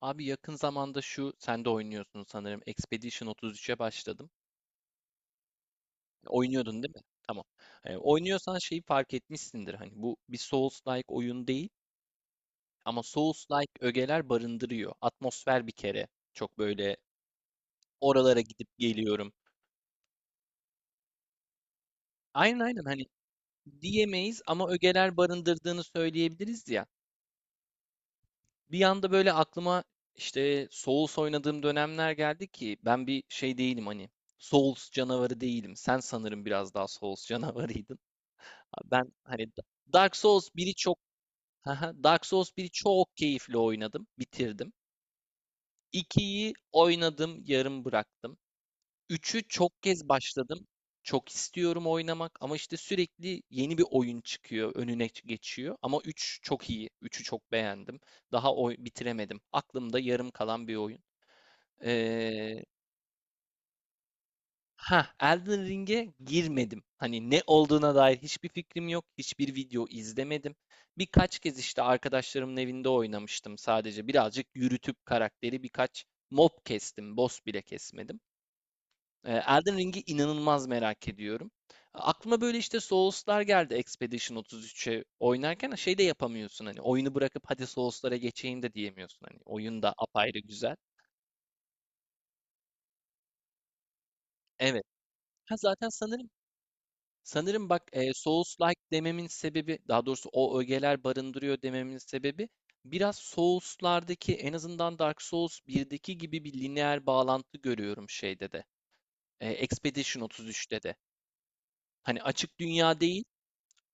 Abi yakın zamanda şu sen de oynuyorsun sanırım. Expedition 33'e başladım. Oynuyordun değil mi? Tamam. Oynuyorsan şeyi fark etmişsindir. Hani bu bir Souls-like oyun değil ama Souls-like ögeler barındırıyor. Atmosfer bir kere çok böyle oralara gidip geliyorum. Aynen aynen hani diyemeyiz ama ögeler barındırdığını söyleyebiliriz ya. Bir anda böyle aklıma işte Souls oynadığım dönemler geldi ki ben bir şey değilim hani Souls canavarı değilim. Sen sanırım biraz daha Souls canavarıydın. Ben hani Dark Souls biri çok Dark Souls biri çok keyifli oynadım, bitirdim. 2'yi oynadım, yarım bıraktım. Üçü çok kez başladım. Çok istiyorum oynamak ama işte sürekli yeni bir oyun çıkıyor, önüne geçiyor. Ama 3 çok iyi. Üçü çok beğendim. Daha oy bitiremedim. Aklımda yarım kalan bir oyun. Ee, ha, Elden Ring'e girmedim. Hani ne olduğuna dair hiçbir fikrim yok. Hiçbir video izlemedim. Birkaç kez işte arkadaşlarımın evinde oynamıştım sadece. Birazcık yürütüp karakteri birkaç mob kestim. Boss bile kesmedim. Elden Ring'i inanılmaz merak ediyorum. Aklıma böyle işte Souls'lar geldi Expedition 33'e oynarken şey de yapamıyorsun hani oyunu bırakıp hadi Souls'lara geçeyim de diyemiyorsun hani oyun da apayrı güzel. Evet. Ha zaten sanırım bak Souls-like dememin sebebi daha doğrusu o ögeler barındırıyor dememin sebebi biraz Souls'lardaki en azından Dark Souls 1'deki gibi bir lineer bağlantı görüyorum şeyde de. Expedition 33'te de. Hani açık dünya değil,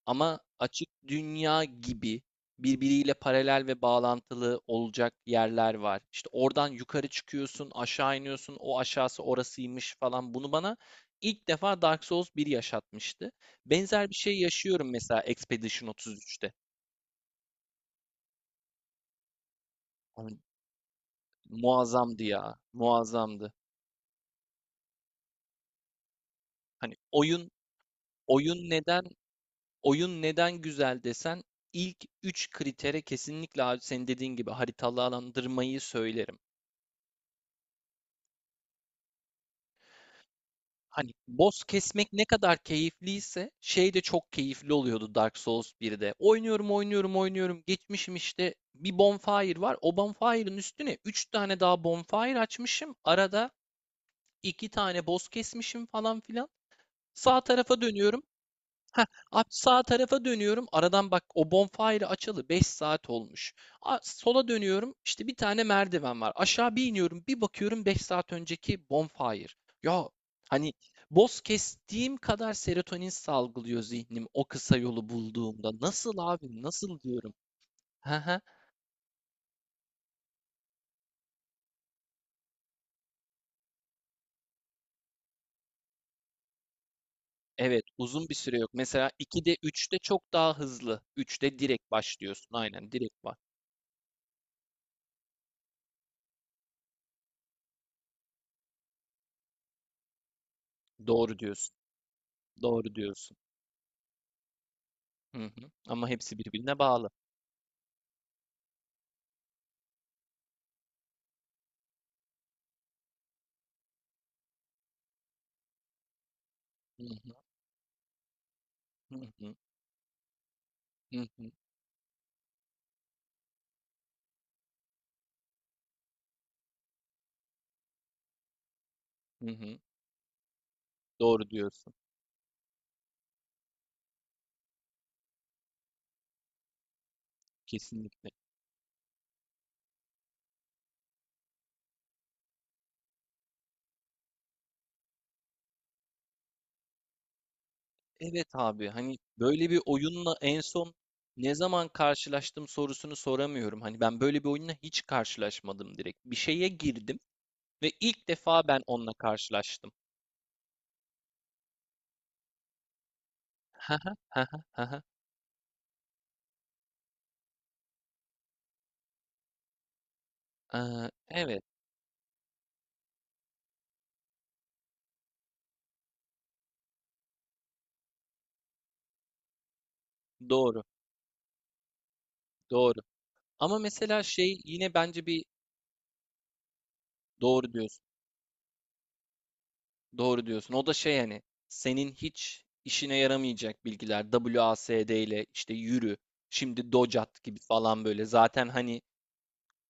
ama açık dünya gibi birbiriyle paralel ve bağlantılı olacak yerler var. İşte oradan yukarı çıkıyorsun, aşağı iniyorsun, o aşağısı orasıymış falan. Bunu bana ilk defa Dark Souls bir yaşatmıştı. Benzer bir şey yaşıyorum mesela Expedition 33'te. Abi, muazzamdı ya, muazzamdı. Hani oyun neden oyun neden güzel desen ilk 3 kritere kesinlikle abi senin dediğin gibi haritalandırmayı söylerim. Hani boss kesmek ne kadar keyifliyse şey de çok keyifli oluyordu Dark Souls birde. Oynuyorum, oynuyorum, oynuyorum. Geçmişim işte bir bonfire var. O bonfire'ın üstüne 3 tane daha bonfire açmışım. Arada 2 tane boss kesmişim falan filan. Sağ tarafa dönüyorum. Heh, abi sağ tarafa dönüyorum. Aradan bak o bonfire'ı açalı 5 saat olmuş. Sola dönüyorum. İşte bir tane merdiven var. Aşağı bir iniyorum. Bir bakıyorum 5 saat önceki bonfire. Ya hani boz kestiğim kadar serotonin salgılıyor zihnim o kısa yolu bulduğumda. Nasıl abi? Nasıl diyorum. Hı hı. Evet, uzun bir süre yok. Mesela 2'de üçte çok daha hızlı. Üçte direkt başlıyorsun. Aynen direkt var. Doğru diyorsun. Doğru diyorsun. Hı hı. Ama hepsi birbirine bağlı. Hı. Hı hı, hı hı, hı hı. Doğru diyorsun. Kesinlikle. Evet abi hani böyle bir oyunla en son ne zaman karşılaştım sorusunu soramıyorum. Hani ben böyle bir oyunla hiç karşılaşmadım direkt. Bir şeye girdim ve ilk defa ben onunla karşılaştım. Ha ha ha ha ha. Ha. Evet doğru doğru. Ama mesela şey yine bence bir. Doğru diyorsun. Doğru diyorsun. O da şey hani senin hiç işine yaramayacak bilgiler. WASD ile işte yürü, şimdi docat gibi falan böyle. Zaten hani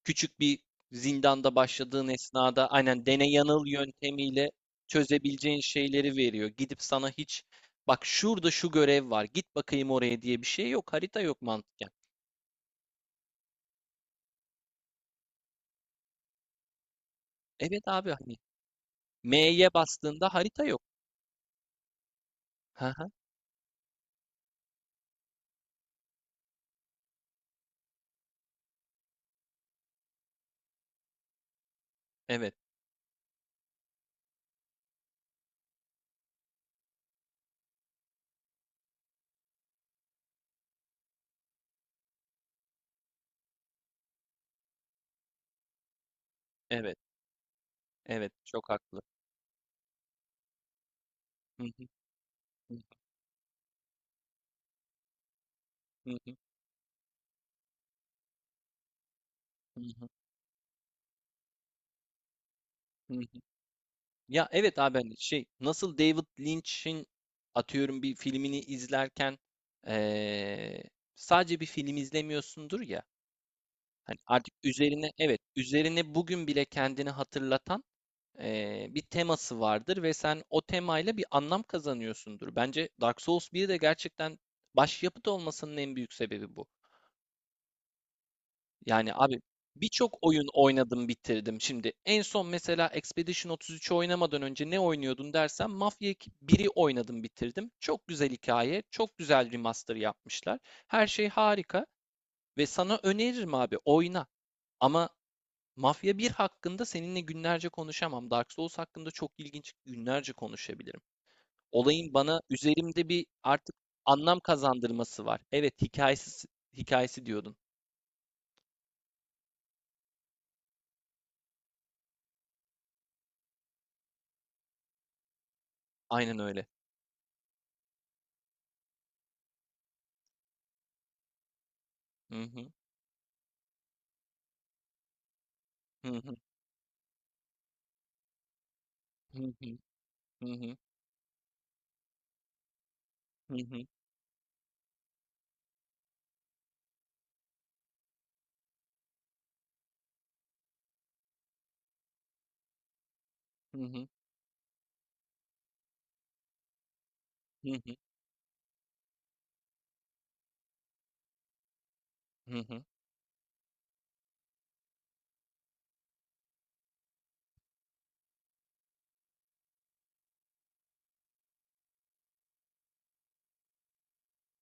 küçük bir zindanda başladığın esnada aynen dene yanıl yöntemiyle çözebileceğin şeyleri veriyor. Gidip sana hiç bak şurada şu görev var git bakayım oraya diye bir şey yok. Harita yok mantıken. Evet abi hani M'ye bastığında harita yok. Hı hı. Evet, evet, evet çok haklı. Hı hı, hı hı, hı hı, hı hı. Ya evet abi hani şey nasıl David Lynch'in atıyorum bir filmini izlerken eee, sadece bir film izlemiyorsundur ya. Hani artık üzerine evet üzerine bugün bile kendini hatırlatan bir teması vardır ve sen o temayla bir anlam kazanıyorsundur. Bence Dark Souls bir de gerçekten başyapıt olmasının en büyük sebebi bu. Yani abi birçok oyun oynadım bitirdim. Şimdi en son mesela Expedition 33'ü oynamadan önce ne oynuyordun dersen Mafia 1'i oynadım bitirdim. Çok güzel hikaye, çok güzel remaster yapmışlar. Her şey harika ve sana öneririm abi oyna. Ama Mafya 1 hakkında seninle günlerce konuşamam. Dark Souls hakkında çok ilginç günlerce konuşabilirim. Olayın bana üzerimde bir artık anlam kazandırması var. Evet hikayesi hikayesi diyordun. Aynen öyle. Hı hı. Hı hı. Hı hı. Hı hı. Hı hı. Hı hı. Hı hı. Hı hı.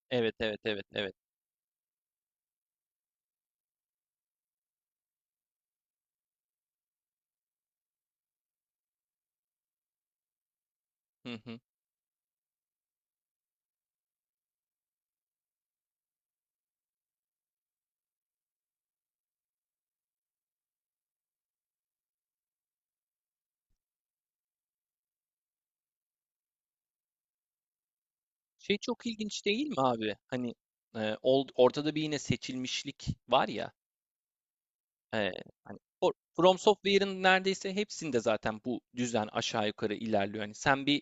Evet, evet, evet, evet. Hı hı. Şey çok ilginç değil mi abi? Hani ortada bir yine seçilmişlik var ya. E, hani From Software'ın neredeyse hepsinde zaten bu düzen aşağı yukarı ilerliyor. Hani sen bir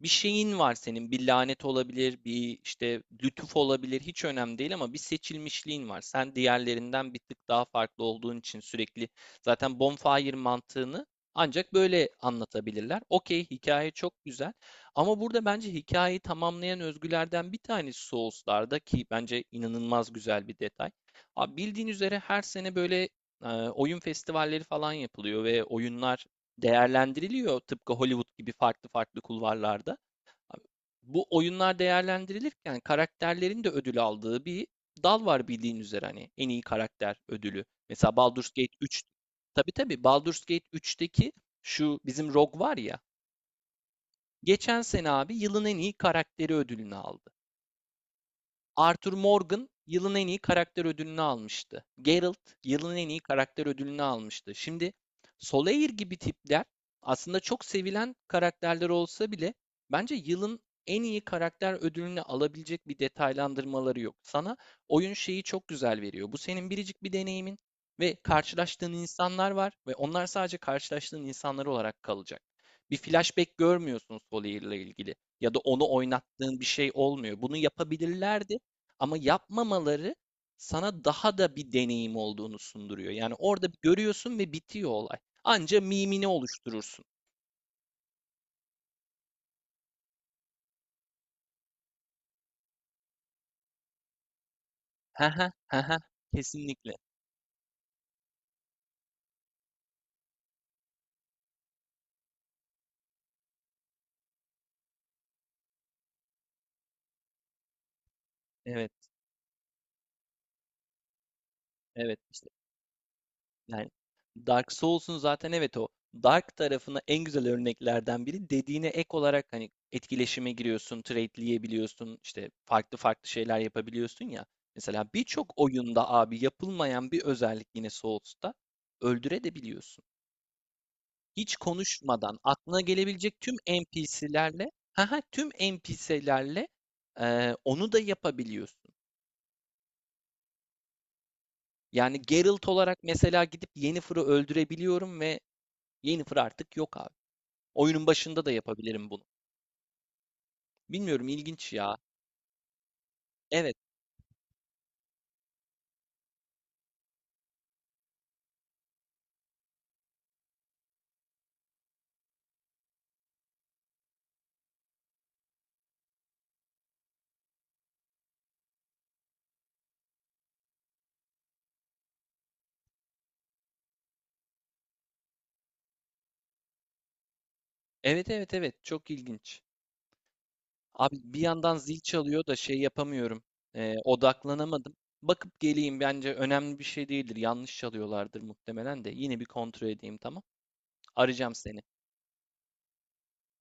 bir şeyin var senin. Bir lanet olabilir, bir işte lütuf olabilir, hiç önemli değil ama bir seçilmişliğin var. Sen diğerlerinden bir tık daha farklı olduğun için sürekli zaten bonfire mantığını ancak böyle anlatabilirler. Okey, hikaye çok güzel ama burada bence hikayeyi tamamlayan özgülerden bir tanesi Souls'larda ki bence inanılmaz güzel bir detay. Abi bildiğin üzere her sene böyle oyun festivalleri falan yapılıyor ve oyunlar değerlendiriliyor tıpkı Hollywood gibi farklı farklı kulvarlarda bu oyunlar değerlendirilirken karakterlerin de ödül aldığı bir dal var bildiğin üzere hani en iyi karakter ödülü. Mesela Baldur's Gate 3. Tabii tabii Baldur's Gate 3'teki şu bizim Rogue var ya. Geçen sene abi yılın en iyi karakteri ödülünü aldı. Arthur Morgan yılın en iyi karakter ödülünü almıştı. Geralt yılın en iyi karakter ödülünü almıştı. Şimdi Solaire gibi tipler aslında çok sevilen karakterler olsa bile bence yılın en iyi karakter ödülünü alabilecek bir detaylandırmaları yok. Sana oyun şeyi çok güzel veriyor. Bu senin biricik bir deneyimin ve karşılaştığın insanlar var ve onlar sadece karşılaştığın insanlar olarak kalacak. Bir flashback görmüyorsun Solaire'le ilgili ya da onu oynattığın bir şey olmuyor. Bunu yapabilirlerdi ama yapmamaları sana daha da bir deneyim olduğunu sunduruyor. Yani orada görüyorsun ve bitiyor olay. Anca mimini oluşturursun. Haha, haha. Kesinlikle. Evet, evet işte. Yani Dark Souls'un zaten evet o Dark tarafına en güzel örneklerden biri. Dediğine ek olarak hani etkileşime giriyorsun, trade'leyebiliyorsun, işte farklı farklı şeyler yapabiliyorsun ya. Mesela birçok oyunda abi yapılmayan bir özellik yine Souls'ta öldürebiliyorsun, hiç konuşmadan aklına gelebilecek tüm NPC'lerle haha, tüm NPC'lerle eee, onu da yapabiliyorsun. Yani Geralt olarak mesela gidip Yennefer'ı öldürebiliyorum ve Yennefer artık yok abi. Oyunun başında da yapabilirim bunu. Bilmiyorum ilginç ya. Evet. Evet evet evet çok ilginç. Abi bir yandan zil çalıyor da şey yapamıyorum. Odaklanamadım. Bakıp geleyim bence önemli bir şey değildir. Yanlış çalıyorlardır muhtemelen de. Yine bir kontrol edeyim tamam. Arayacağım seni.